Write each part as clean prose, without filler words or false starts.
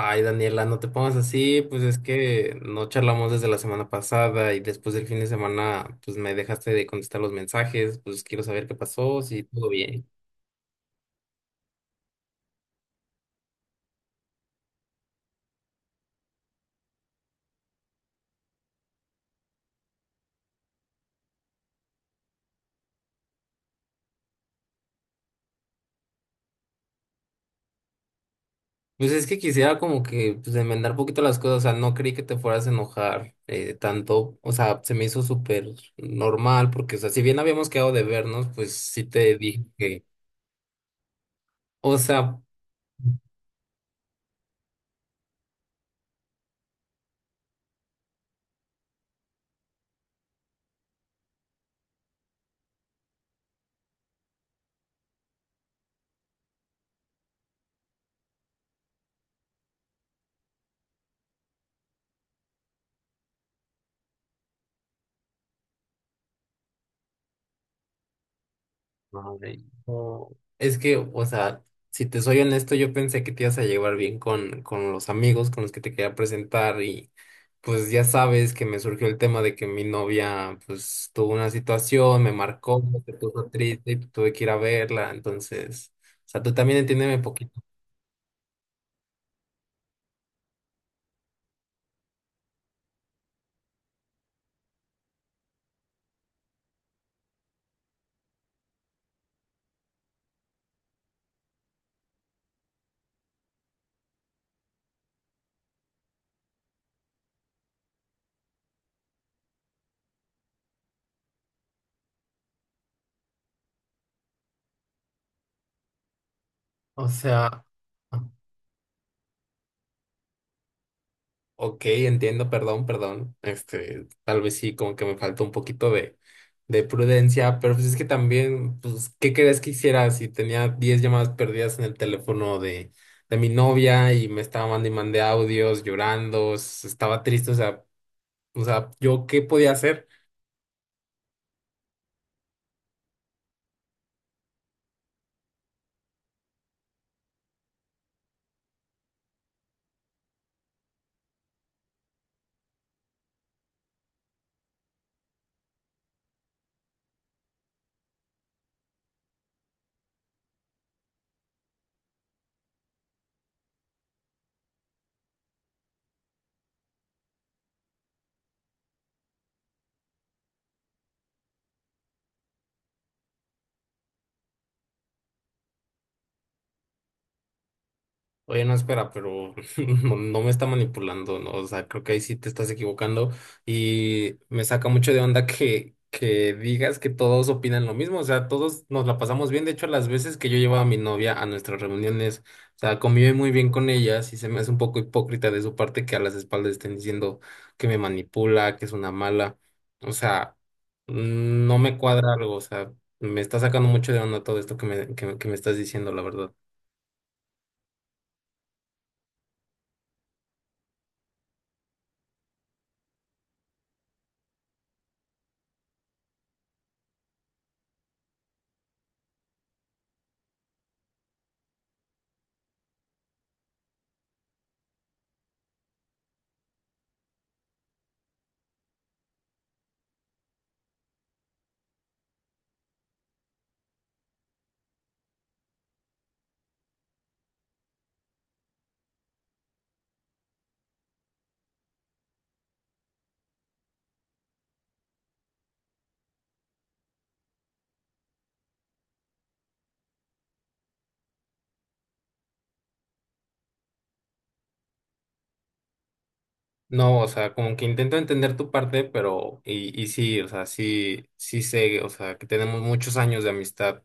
Ay, Daniela, no te pongas así, pues es que no charlamos desde la semana pasada y después del fin de semana, pues me dejaste de contestar los mensajes, pues quiero saber qué pasó, si todo bien. Pues es que quisiera como que pues enmendar un poquito las cosas, o sea, no creí que te fueras a enojar tanto, o sea, se me hizo súper normal porque, o sea, si bien habíamos quedado de vernos, pues sí te dije que, o sea... Ay, no. Es que, o sea, si te soy honesto, yo pensé que te ibas a llevar bien con los amigos con los que te quería presentar y pues ya sabes que me surgió el tema de que mi novia pues tuvo una situación, me marcó, se puso triste y tuve que ir a verla, entonces, o sea, tú también entiéndeme poquito. O sea, ok, entiendo, perdón, perdón. Este, tal vez sí, como que me faltó un poquito de prudencia, pero pues es que también, pues, ¿qué crees que hiciera si tenía 10 llamadas perdidas en el teléfono de mi novia y me estaba mandando y mandé audios llorando, estaba triste, o sea, ¿yo qué podía hacer? Oye, no, espera, pero no, no me está manipulando, ¿no? O sea, creo que ahí sí te estás equivocando y me saca mucho de onda que digas que todos opinan lo mismo, o sea, todos nos la pasamos bien, de hecho, las veces que yo llevaba a mi novia a nuestras reuniones, o sea, convive muy bien con ellas y se me hace un poco hipócrita de su parte que a las espaldas estén diciendo que me manipula, que es una mala, o sea, no me cuadra algo, o sea, me está sacando mucho de onda todo esto que me, que, me estás diciendo, la verdad. No, o sea, como que intento entender tu parte, pero, y sí, o sea, sí, sí sé, o sea, que tenemos muchos años de amistad,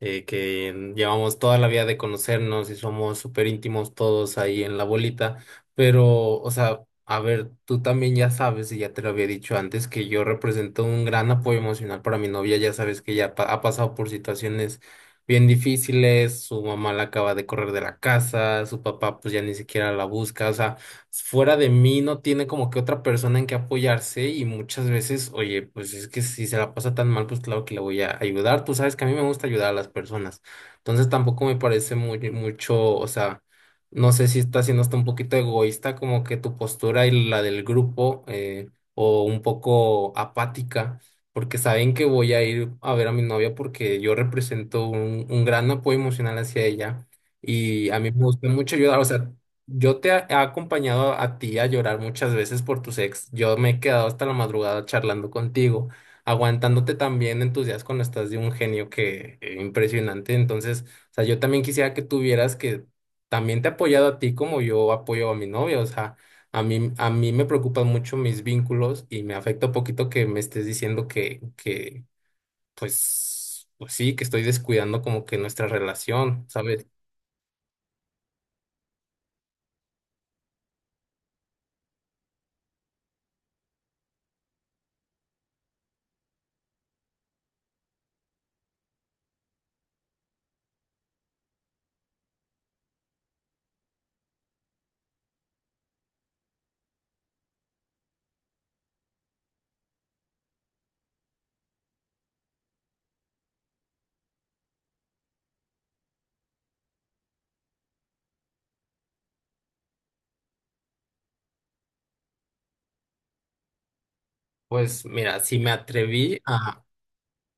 que llevamos toda la vida de conocernos y somos súper íntimos todos ahí en la bolita, pero, o sea, a ver, tú también ya sabes, y ya te lo había dicho antes, que yo represento un gran apoyo emocional para mi novia, ya sabes que ella ha pasado por situaciones bien difíciles, su mamá la acaba de correr de la casa, su papá pues ya ni siquiera la busca, o sea, fuera de mí no tiene como que otra persona en que apoyarse y muchas veces, oye, pues es que si se la pasa tan mal, pues claro que le voy a ayudar. Tú sabes que a mí me gusta ayudar a las personas. Entonces tampoco me parece muy, mucho, o sea, no sé si está siendo hasta un poquito egoísta como que tu postura y la del grupo o un poco apática. Porque saben que voy a ir a ver a mi novia porque yo represento un gran apoyo emocional hacia ella. Y a mí me gusta mucho ayudar, o sea, yo te he acompañado a ti a llorar muchas veces por tus ex. Yo me he quedado hasta la madrugada charlando contigo, aguantándote también en tus días cuando estás de un genio que impresionante. Entonces, o sea, yo también quisiera que tuvieras que también te he apoyado a ti como yo apoyo a mi novia. O sea, a mí me preocupan mucho mis vínculos y me afecta un poquito que me estés diciendo que, pues, pues sí, que estoy descuidando como que nuestra relación, ¿sabes? Pues mira, si me atreví a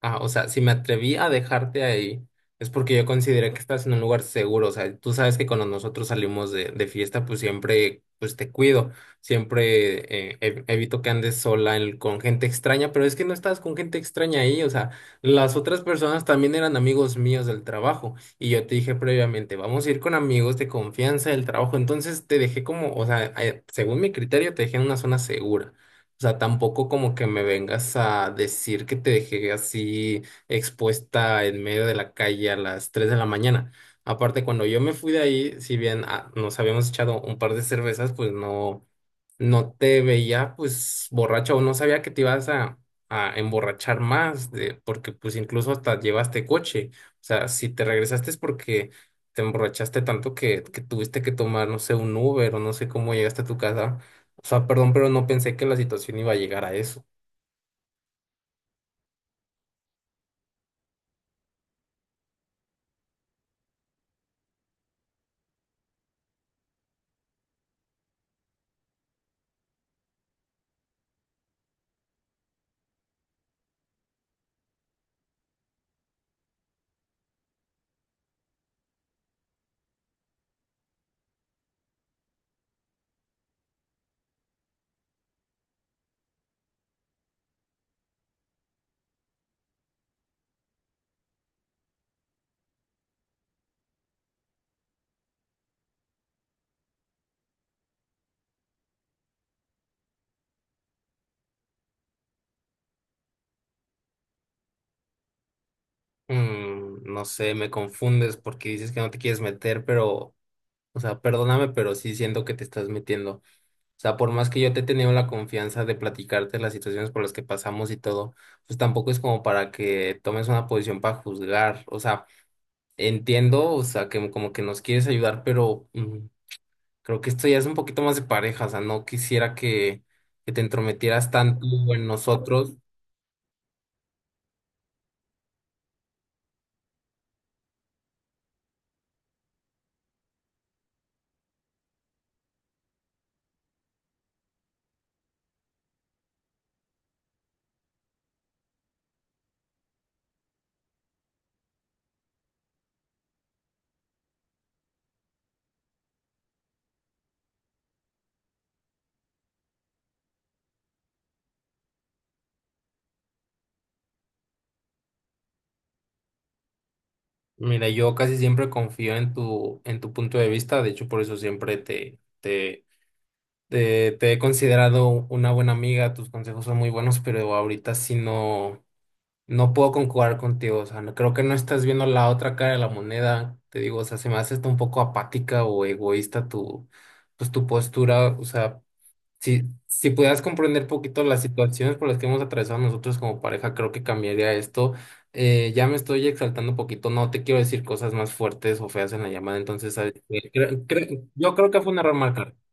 ah, o sea, si me atreví a dejarte ahí, es porque yo consideré que estás en un lugar seguro. O sea, tú sabes que cuando nosotros salimos de fiesta, pues siempre, pues te cuido. Siempre evito que andes sola con gente extraña, pero es que no estabas con gente extraña ahí. O sea, las otras personas también eran amigos míos del trabajo. Y yo te dije previamente, vamos a ir con amigos de confianza del trabajo. Entonces te dejé como, o sea, según mi criterio, te dejé en una zona segura. O sea, tampoco como que me vengas a decir que te dejé así expuesta en medio de la calle a las 3 de la mañana. Aparte, cuando yo me fui de ahí, si bien ah, nos habíamos echado un par de cervezas, pues no, no te veía pues borracha o no sabía que te ibas a emborrachar más, porque pues incluso hasta llevaste coche. O sea, si te regresaste es porque te emborrachaste tanto que tuviste que tomar, no sé, un Uber o no sé cómo llegaste a tu casa. O sea, perdón, pero no pensé que la situación iba a llegar a eso. No sé, me confundes porque dices que no te quieres meter, pero, o sea, perdóname, pero sí siento que te estás metiendo. O sea, por más que yo te he tenido la confianza de platicarte las situaciones por las que pasamos y todo, pues tampoco es como para que tomes una posición para juzgar. O sea, entiendo, o sea, que como que nos quieres ayudar, pero creo que esto ya es un poquito más de pareja. O sea, no quisiera que te entrometieras tanto en nosotros. Mira, yo casi siempre confío en tu punto de vista, de hecho por eso siempre te, te, te he considerado una buena amiga, tus consejos son muy buenos, pero ahorita sí no, no puedo concordar contigo, o sea, no, creo que no estás viendo la otra cara de la moneda, te digo, o sea, se me hace hasta un poco apática o egoísta tu, pues, tu postura, o sea, si, si pudieras comprender un poquito las situaciones por las que hemos atravesado nosotros como pareja, creo que cambiaría esto. Ya me estoy exaltando un poquito, no te quiero decir cosas más fuertes o feas en la llamada, entonces, ¿sabes qué? Yo creo que fue un error marcar.